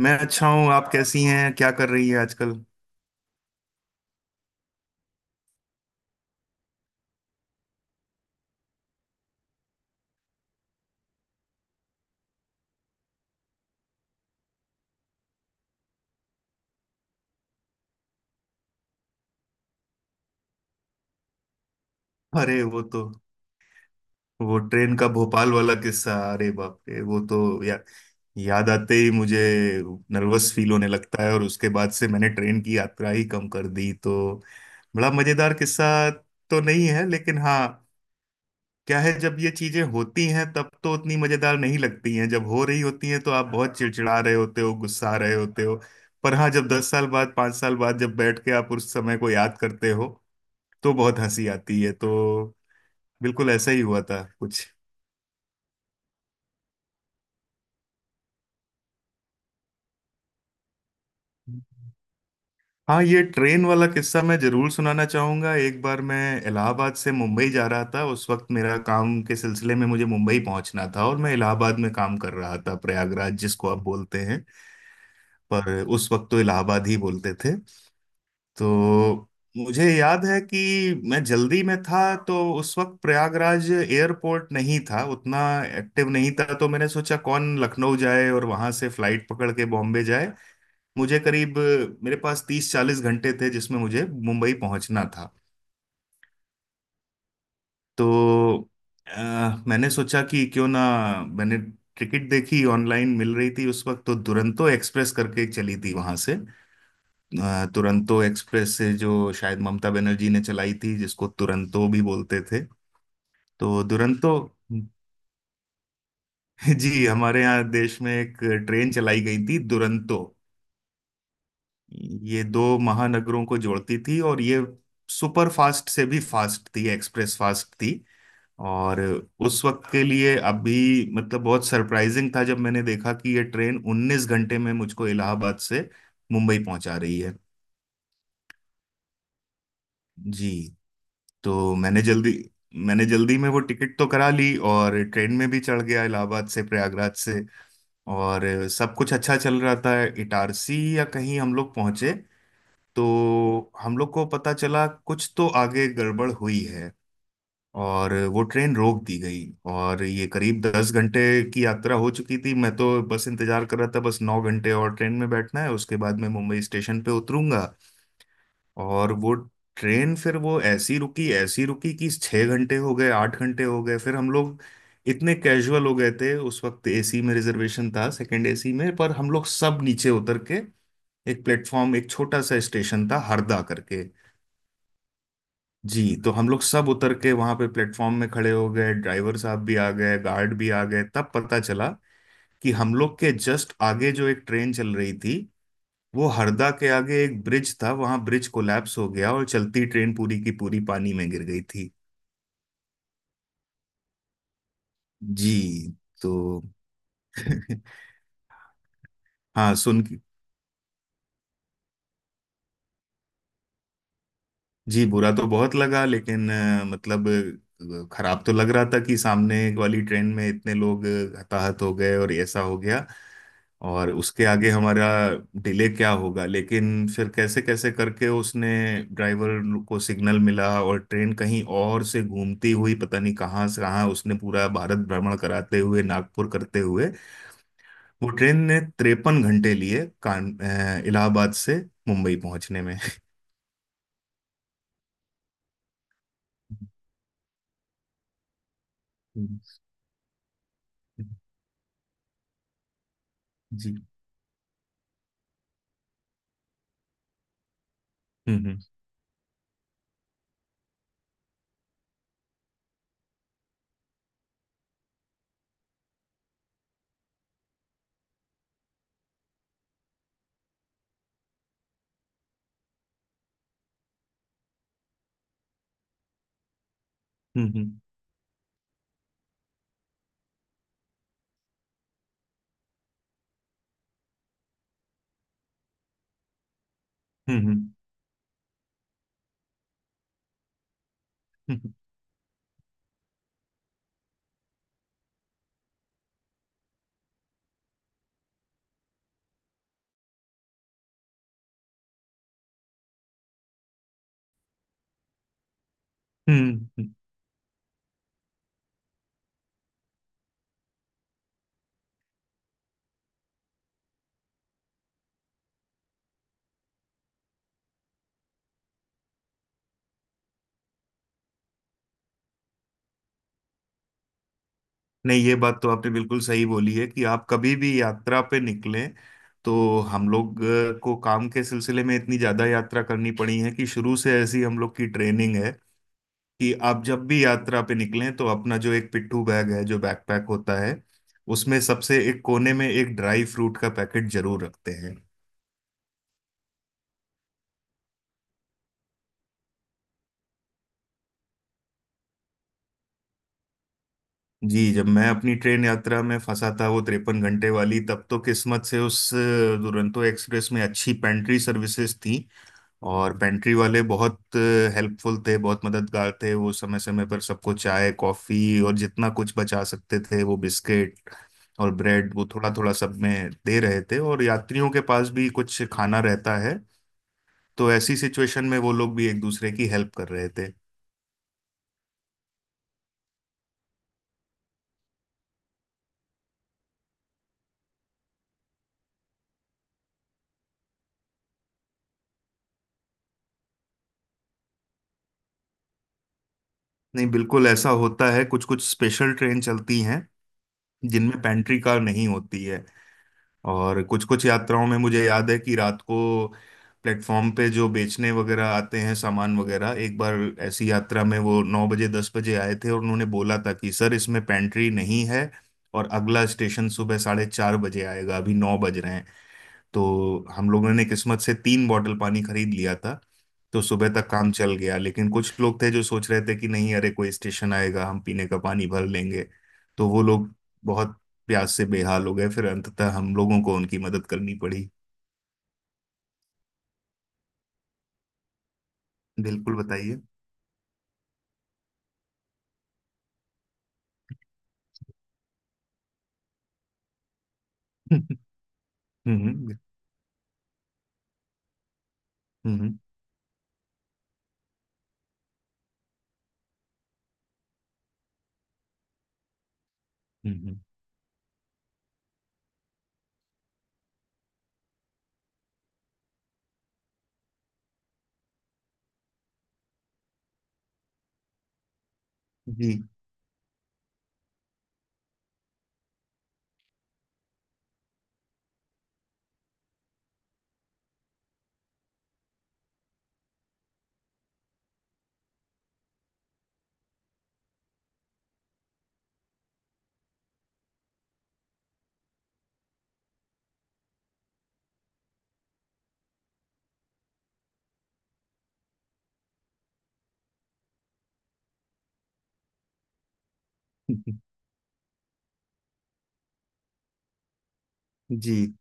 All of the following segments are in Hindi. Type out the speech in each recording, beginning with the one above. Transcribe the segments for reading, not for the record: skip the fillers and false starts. मैं अच्छा हूँ। आप कैसी हैं? क्या कर रही है आजकल? अरे वो तो वो ट्रेन का भोपाल वाला किस्सा। अरे बाप रे, वो तो याद आते ही मुझे नर्वस फील होने लगता है, और उसके बाद से मैंने ट्रेन की यात्रा ही कम कर दी। तो बड़ा मजेदार किस्सा तो नहीं है, लेकिन हाँ, क्या है, जब ये चीजें होती हैं तब तो उतनी मजेदार नहीं लगती हैं। जब हो रही होती हैं तो आप बहुत चिड़चिड़ा रहे होते हो, गुस्सा रहे होते हो। पर हाँ, जब 10 साल बाद, 5 साल बाद जब बैठ के आप उस समय को याद करते हो तो बहुत हंसी आती है। तो बिल्कुल ऐसा ही हुआ था कुछ। हाँ, ये ट्रेन वाला किस्सा मैं जरूर सुनाना चाहूंगा। एक बार मैं इलाहाबाद से मुंबई जा रहा था। उस वक्त मेरा काम के सिलसिले में मुझे मुंबई पहुंचना था, और मैं इलाहाबाद में काम कर रहा था, प्रयागराज जिसको आप बोलते हैं, पर उस वक्त तो इलाहाबाद ही बोलते थे। तो मुझे याद है कि मैं जल्दी में था। तो उस वक्त प्रयागराज एयरपोर्ट नहीं था उतना, एक्टिव नहीं था। तो मैंने सोचा कौन लखनऊ जाए और वहां से फ्लाइट पकड़ के बॉम्बे जाए। मुझे करीब, मेरे पास 30-40 घंटे थे जिसमें मुझे मुंबई पहुंचना था। तो मैंने सोचा कि क्यों ना, मैंने टिकट देखी, ऑनलाइन मिल रही थी। उस वक्त तो दुरंतो एक्सप्रेस करके चली थी वहां से, तुरंतो एक्सप्रेस, से जो शायद ममता बनर्जी ने चलाई थी, जिसको तुरंतो भी बोलते थे। तो दुरंतो जी, हमारे यहाँ देश में एक ट्रेन चलाई गई थी, दुरंतो। ये दो महानगरों को जोड़ती थी, और ये सुपर फास्ट से भी फास्ट थी, एक्सप्रेस फास्ट थी। और उस वक्त के लिए अभी मतलब बहुत सरप्राइजिंग था जब मैंने देखा कि ये ट्रेन 19 घंटे में मुझको इलाहाबाद से मुंबई पहुंचा रही है। जी। तो मैंने जल्दी में वो टिकट तो करा ली, और ट्रेन में भी चढ़ गया इलाहाबाद से, प्रयागराज से। और सब कुछ अच्छा चल रहा था। इटारसी या कहीं हम लोग पहुंचे तो हम लोग को पता चला कुछ तो आगे गड़बड़ हुई है, और वो ट्रेन रोक दी गई। और ये करीब 10 घंटे की यात्रा हो चुकी थी। मैं तो बस इंतजार कर रहा था, बस 9 घंटे और ट्रेन में बैठना है, उसके बाद मैं मुंबई स्टेशन पे उतरूंगा। और वो ट्रेन फिर वो ऐसी रुकी, ऐसी रुकी कि 6 घंटे हो गए, 8 घंटे हो गए। फिर हम लोग इतने कैजुअल हो गए थे। उस वक्त एसी में रिजर्वेशन था, सेकंड एसी में, पर हम लोग सब नीचे उतर के, एक प्लेटफॉर्म, एक छोटा सा स्टेशन था, हरदा करके। जी, तो हम लोग सब उतर के वहां पे प्लेटफॉर्म में खड़े हो गए, ड्राइवर साहब भी आ गए, गार्ड भी आ गए। तब पता चला कि हम लोग के जस्ट आगे जो एक ट्रेन चल रही थी, वो हरदा के आगे एक ब्रिज था, वहां ब्रिज कोलैप्स हो गया और चलती ट्रेन पूरी की पूरी पानी में गिर गई थी। जी। तो हाँ सुन। जी, बुरा तो बहुत लगा, लेकिन मतलब खराब तो लग रहा था कि सामने वाली ट्रेन में इतने लोग हताहत हो गए और ऐसा हो गया। और उसके आगे हमारा डिले क्या होगा, लेकिन फिर कैसे कैसे करके उसने, ड्राइवर को सिग्नल मिला और ट्रेन कहीं और से घूमती हुई, पता नहीं कहाँ से कहाँ, उसने पूरा भारत भ्रमण कराते हुए, नागपुर करते हुए, वो ट्रेन ने 53 घंटे लिए कान इलाहाबाद से मुंबई पहुंचने में। जी। हम्म हम्म। हम्म। हम्म। हम्म, हम्म। हम्म, हम्म। नहीं, ये बात तो आपने बिल्कुल सही बोली है कि आप कभी भी यात्रा पे निकलें। तो हम लोग को काम के सिलसिले में इतनी ज्यादा यात्रा करनी पड़ी है कि शुरू से ऐसी हम लोग की ट्रेनिंग है कि आप जब भी यात्रा पे निकलें तो अपना जो एक पिट्ठू बैग है, जो बैकपैक होता है, उसमें सबसे एक कोने में एक ड्राई फ्रूट का पैकेट जरूर रखते हैं। जी, जब मैं अपनी ट्रेन यात्रा में फंसा था, वो 53 घंटे वाली, तब तो किस्मत से उस दुरंतो एक्सप्रेस में अच्छी पेंट्री सर्विसेज थी, और पेंट्री वाले बहुत हेल्पफुल थे, बहुत मददगार थे। वो समय समय पर सबको चाय कॉफी और जितना कुछ बचा सकते थे, वो बिस्किट और ब्रेड, वो थोड़ा थोड़ा सब में दे रहे थे, और यात्रियों के पास भी कुछ खाना रहता है। तो ऐसी सिचुएशन में वो लोग भी एक दूसरे की हेल्प कर रहे थे। नहीं बिल्कुल, ऐसा होता है, कुछ कुछ स्पेशल ट्रेन चलती हैं जिनमें पेंट्री कार नहीं होती है। और कुछ कुछ यात्राओं में मुझे याद है कि रात को प्लेटफॉर्म पे जो बेचने वगैरह आते हैं सामान वगैरह, एक बार ऐसी यात्रा में वो 9 बजे, 10 बजे आए थे और उन्होंने बोला था कि सर इसमें पेंट्री नहीं है, और अगला स्टेशन सुबह 4:30 बजे आएगा, अभी 9 बज रहे हैं। तो हम लोगों ने किस्मत से 3 बॉटल पानी खरीद लिया था। तो सुबह तक काम चल गया, लेकिन कुछ लोग थे जो सोच रहे थे कि नहीं, अरे, कोई स्टेशन आएगा, हम पीने का पानी भर लेंगे। तो वो लोग बहुत प्यास से बेहाल हो गए, फिर अंततः हम लोगों को उनकी मदद करनी पड़ी। बिल्कुल, बताइए। हम्म हम्म। हम्म। जी जी।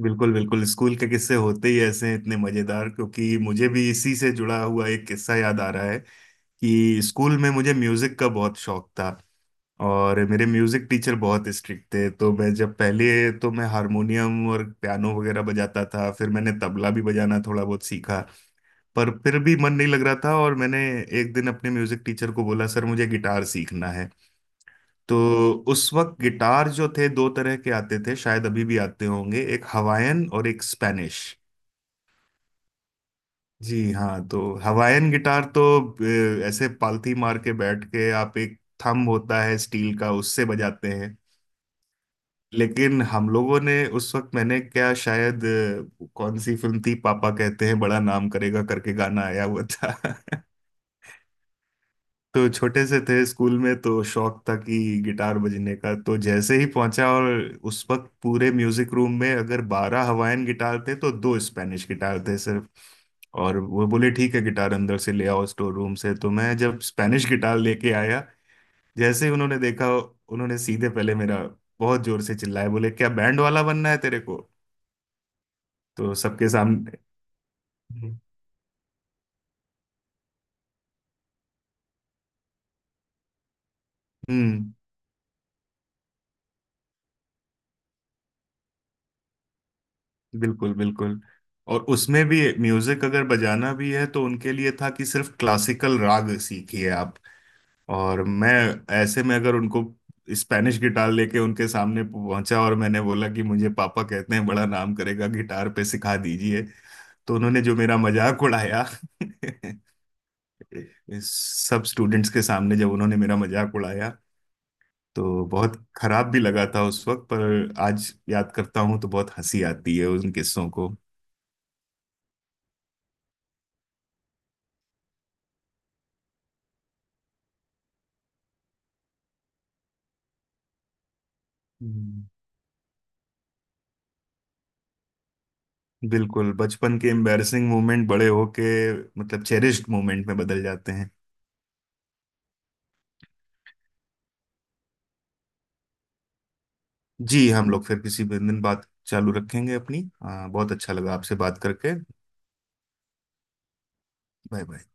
बिल्कुल बिल्कुल, स्कूल के किस्से होते ही ऐसे हैं, इतने मजेदार। क्योंकि मुझे भी इसी से जुड़ा हुआ एक किस्सा याद आ रहा है कि स्कूल में मुझे म्यूजिक का बहुत शौक था, और मेरे म्यूजिक टीचर बहुत स्ट्रिक्ट थे। तो मैं जब पहले, तो मैं हारमोनियम और पियानो वगैरह बजाता था, फिर मैंने तबला भी बजाना थोड़ा बहुत सीखा। पर फिर भी मन नहीं लग रहा था, और मैंने एक दिन अपने म्यूजिक टीचर को बोला सर मुझे गिटार सीखना है। तो उस वक्त गिटार जो थे, दो तरह के आते थे, शायद अभी भी आते होंगे, एक हवायन और एक स्पेनिश। जी हाँ, तो हवायन गिटार तो ऐसे पालथी मार के बैठ के आप एक, थंब होता है स्टील का, उससे बजाते हैं। लेकिन हम लोगों ने उस वक्त, मैंने क्या शायद, कौन सी फिल्म थी, पापा कहते हैं बड़ा नाम करेगा करके गाना आया हुआ था। तो छोटे से थे स्कूल में, तो शौक था कि गिटार बजने का। तो जैसे ही पहुंचा, और उस वक्त पूरे म्यूजिक रूम में अगर 12 हवाइन गिटार थे तो दो स्पेनिश गिटार थे सिर्फ। और वो बोले ठीक है, गिटार अंदर से ले आओ स्टोर रूम से। तो मैं जब स्पेनिश गिटार लेके आया, जैसे ही उन्होंने देखा, उन्होंने सीधे पहले मेरा, बहुत जोर से चिल्लाए, बोले क्या बैंड वाला बनना है तेरे को? तो सबके सामने। हम्म। बिल्कुल बिल्कुल। और उसमें भी म्यूजिक अगर बजाना भी है तो उनके लिए था कि सिर्फ क्लासिकल राग सीखिए आप। और मैं ऐसे में अगर उनको स्पेनिश गिटार लेके उनके सामने पहुंचा और मैंने बोला कि मुझे पापा कहते हैं बड़ा नाम करेगा गिटार पे सिखा दीजिए, तो उन्होंने जो मेरा मजाक उड़ाया। सब स्टूडेंट्स के सामने जब उन्होंने मेरा मजाक उड़ाया, तो बहुत खराब भी लगा था उस वक्त, पर आज याद करता हूँ तो बहुत हंसी आती है उन किस्सों को। हम्म। बिल्कुल, बचपन के एम्बैरसिंग मोमेंट बड़े होके मतलब चेरिश्ड मोमेंट में बदल जाते हैं। जी, हम लोग फिर किसी दिन बात चालू रखेंगे अपनी। बहुत अच्छा लगा आपसे बात करके। Bye bye.